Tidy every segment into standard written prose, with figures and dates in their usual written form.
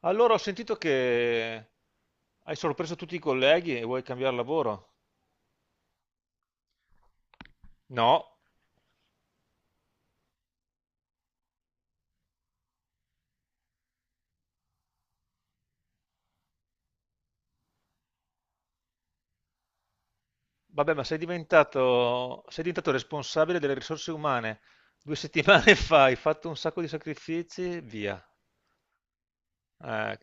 Allora ho sentito che hai sorpreso tutti i colleghi e vuoi cambiare lavoro? No, vabbè, ma sei diventato responsabile delle risorse umane. Due settimane fa hai fatto un sacco di sacrifici, via. Eh,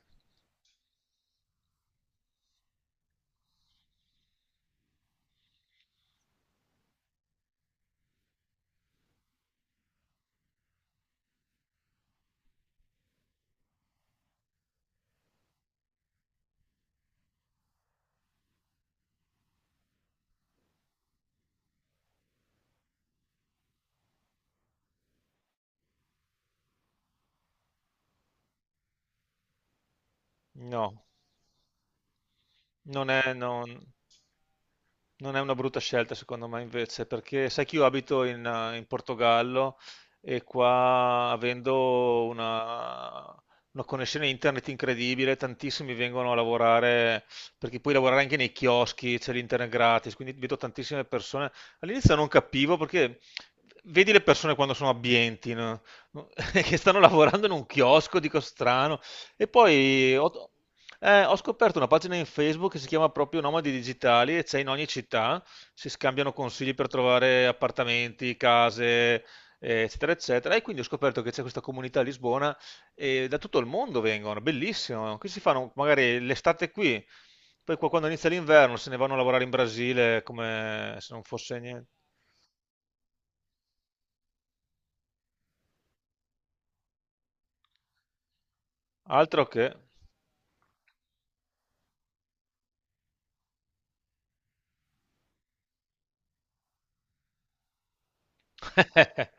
no. Non è, non- non è una brutta scelta secondo me invece, perché sai che io abito in Portogallo e qua avendo una connessione internet incredibile, tantissimi vengono a lavorare, perché puoi lavorare anche nei chioschi, c'è l'internet gratis, quindi vedo tantissime persone. All'inizio non capivo perché vedi le persone quando sono abbienti, no? che stanno lavorando in un chiosco, dico strano, e poi ho scoperto una pagina in Facebook che si chiama proprio Nomadi Digitali e c'è in ogni città, si scambiano consigli per trovare appartamenti, case, eccetera, eccetera. E quindi ho scoperto che c'è questa comunità a Lisbona e da tutto il mondo vengono, bellissimo. Qui si fanno magari l'estate qui, poi qua quando inizia l'inverno se ne vanno a lavorare in Brasile come se non fosse niente. Altro che...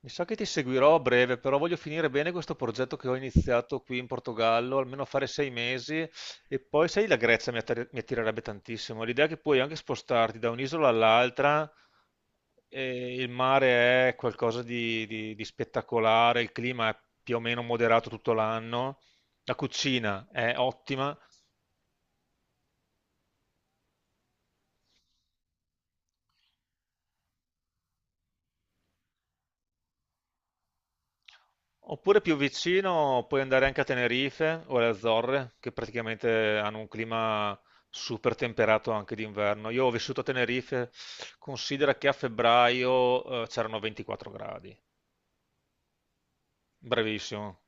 Mi sa che ti seguirò a breve, però voglio finire bene questo progetto che ho iniziato qui in Portogallo, almeno fare 6 mesi e poi, sai, la Grecia mi attirerebbe tantissimo. L'idea è che puoi anche spostarti da un'isola all'altra e il mare è qualcosa di spettacolare, il clima è più o meno moderato tutto l'anno, la cucina è ottima. Oppure più vicino puoi andare anche a Tenerife o alle Azzorre, che praticamente hanno un clima super temperato anche d'inverno. Io ho vissuto a Tenerife, considera che a febbraio c'erano 24 gradi. Bravissimo.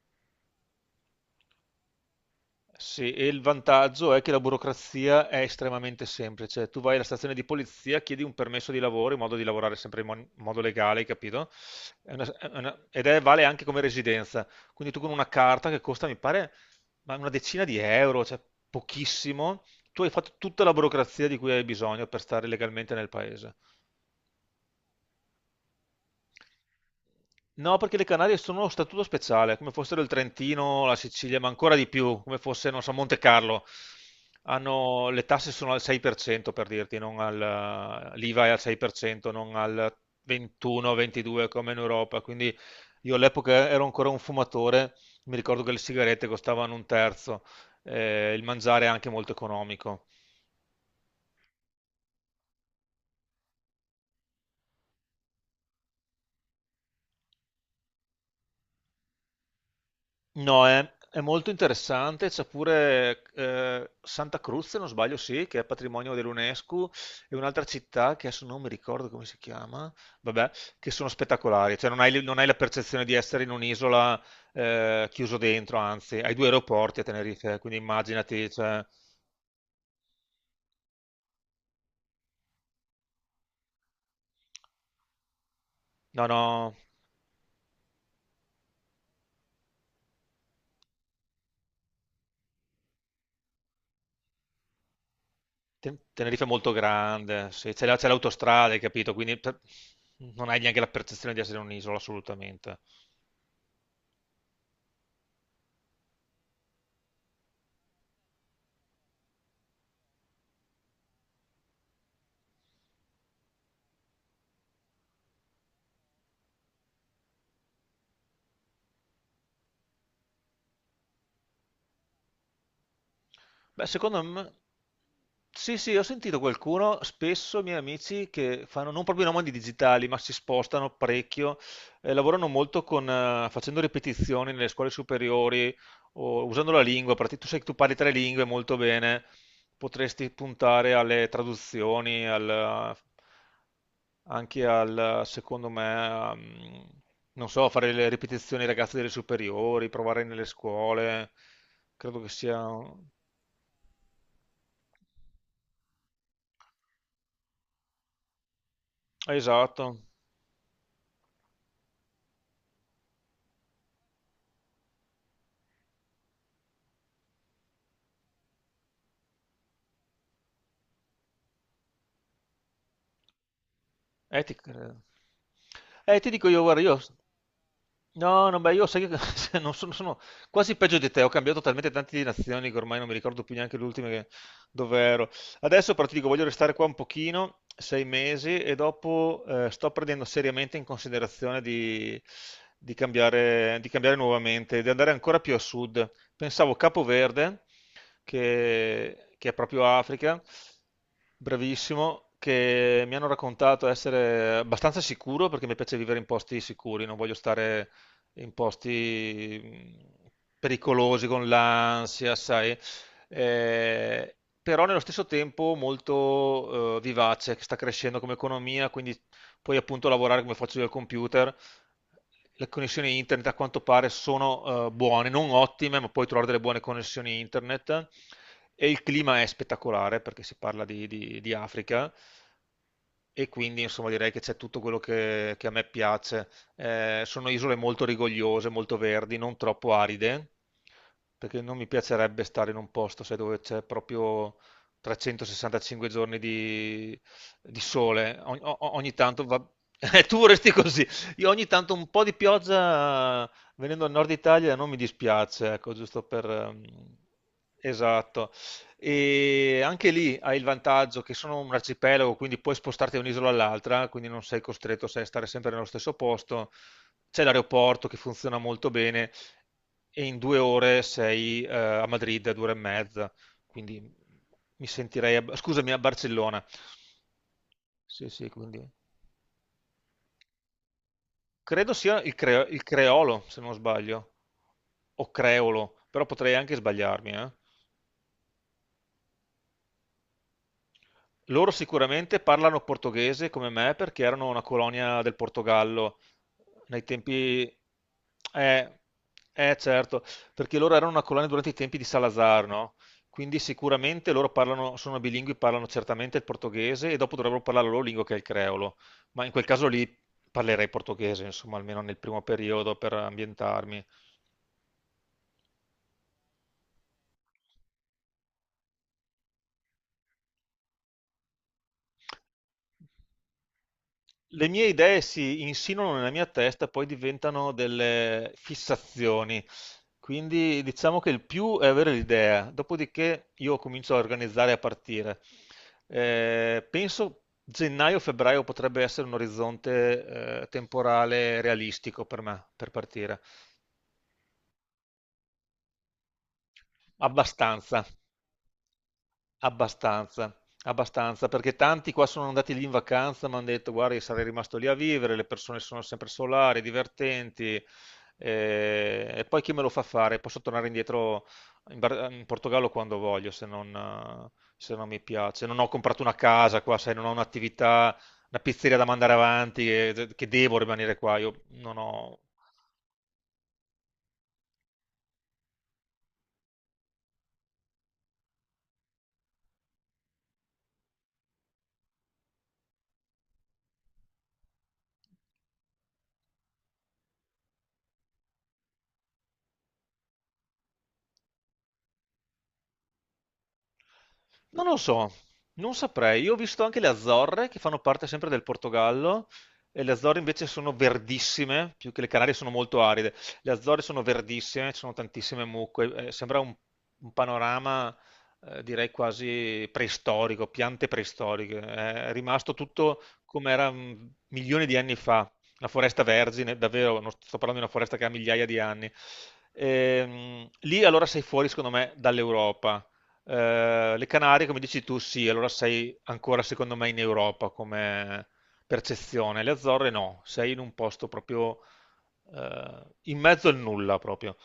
Sì, e il vantaggio è che la burocrazia è estremamente semplice. Tu vai alla stazione di polizia, chiedi un permesso di lavoro in modo di lavorare sempre in modo legale, hai capito? È una- ed è, vale anche come residenza. Quindi tu con una carta che costa, mi pare, ma una decina di euro, cioè pochissimo, tu hai fatto tutta la burocrazia di cui hai bisogno per stare legalmente nel paese. No, perché le Canarie sono a statuto speciale, come fossero il Trentino, la Sicilia, ma ancora di più, come fosse, non so, Monte Carlo. Le tasse sono al 6% per dirti, non al, l'IVA è al 6%, non al 21-22 come in Europa. Quindi io all'epoca ero ancora un fumatore, mi ricordo che le sigarette costavano un terzo, il mangiare è anche molto economico. No, è molto interessante, c'è pure Santa Cruz, se non sbaglio, sì, che è patrimonio dell'UNESCO, e un'altra città che adesso non mi ricordo come si chiama, vabbè, che sono spettacolari, cioè non hai la percezione di essere in un'isola chiuso dentro, anzi, hai due aeroporti a Tenerife, quindi immaginati, cioè, no, no, Tenerife è molto grande, sì, c'è l'autostrada, hai capito, quindi non hai neanche la percezione di essere in un'isola, assolutamente. Beh, secondo me... Sì, sì, ho sentito qualcuno, spesso miei amici che fanno non proprio i nomadi digitali, ma si spostano parecchio, lavorano molto facendo ripetizioni nelle scuole superiori o usando la lingua, perché tu sai che tu parli tre lingue molto bene, potresti puntare alle traduzioni, anche al, secondo me, non so, fare le ripetizioni ai ragazzi delle superiori, provare nelle scuole, credo che sia... Esatto. Ti credo. Ti dico io, guarda, io... No, no, beh, io sai che se non sono, sono quasi peggio di te, ho cambiato talmente tante di nazioni che ormai non mi ricordo più neanche l'ultima che... dove ero. Adesso però ti dico, voglio restare qua un pochino, 6 mesi, e dopo sto prendendo seriamente in considerazione di cambiare nuovamente, di andare ancora più a sud. Pensavo Capoverde, che è proprio Africa, bravissimo, che mi hanno raccontato essere abbastanza sicuro perché mi piace vivere in posti sicuri, non voglio stare in posti pericolosi con l'ansia, sai. Eh, Però nello stesso tempo molto vivace, che sta crescendo come economia, quindi puoi appunto lavorare come faccio io al computer, le connessioni internet a quanto pare sono buone, non ottime, ma puoi trovare delle buone connessioni internet e il clima è spettacolare perché si parla di Africa e quindi insomma direi che c'è tutto quello che a me piace. Sono isole molto rigogliose, molto verdi, non troppo aride, perché non mi piacerebbe stare in un posto sai, dove c'è proprio 365 giorni di sole. Ogni tanto va... tu vorresti così, io ogni tanto un po' di pioggia venendo al nord Italia non mi dispiace, ecco, giusto per... Esatto. E anche lì hai il vantaggio che sono un arcipelago, quindi puoi spostarti da un'isola all'altra, quindi non sei costretto, sai, a stare sempre nello stesso posto. C'è l'aeroporto che funziona molto bene e in 2 ore sei a Madrid, a 2 ore e mezza, quindi mi sentirei, scusami, a Barcellona. Sì, sì, quindi... Credo sia il creolo, se non sbaglio, o creolo, però potrei anche sbagliarmi, eh. Loro sicuramente parlano portoghese come me perché erano una colonia del Portogallo nei tempi... Eh, certo, perché loro erano una colonia durante i tempi di Salazar, no? Quindi sicuramente loro parlano, sono bilingui, parlano certamente il portoghese e dopo dovrebbero parlare la loro lingua che è il creolo. Ma in quel caso lì parlerei portoghese, insomma, almeno nel primo periodo per ambientarmi. Le mie idee si insinuano nella mia testa, poi diventano delle fissazioni. Quindi diciamo che il più è avere l'idea, dopodiché io comincio a organizzare e a partire. Penso gennaio-febbraio potrebbe essere un orizzonte temporale realistico per me, per partire. Abbastanza. Abbastanza, abbastanza, perché tanti qua sono andati lì in vacanza, mi hanno detto, guarda, io sarei rimasto lì a vivere, le persone sono sempre solari, divertenti, e poi chi me lo fa fare? Posso tornare indietro in Portogallo quando voglio, se non mi piace. Non ho comprato una casa qua, sai, non ho un'attività, una pizzeria da mandare avanti, che devo rimanere qua, io non ho... Non lo so, non saprei. Io ho visto anche le Azzorre che fanno parte sempre del Portogallo e le Azzorre invece sono verdissime, più che le Canarie sono molto aride. Le Azzorre sono verdissime, ci sono tantissime mucche, sembra un panorama direi quasi preistorico, piante preistoriche. È rimasto tutto come era milioni di anni fa, una foresta vergine, davvero, non sto parlando di una foresta che ha migliaia di anni. Lì allora sei fuori, secondo me, dall'Europa. Le Canarie, come dici tu, sì, allora sei ancora secondo me in Europa come percezione. Le Azzorre no, sei in un posto proprio in mezzo al nulla proprio.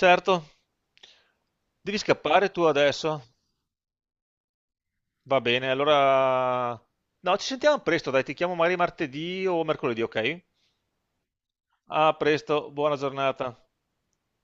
Certo, devi scappare tu adesso? Va bene, allora... No, ci sentiamo presto, dai, ti chiamo magari martedì o mercoledì, ok? A presto, buona giornata.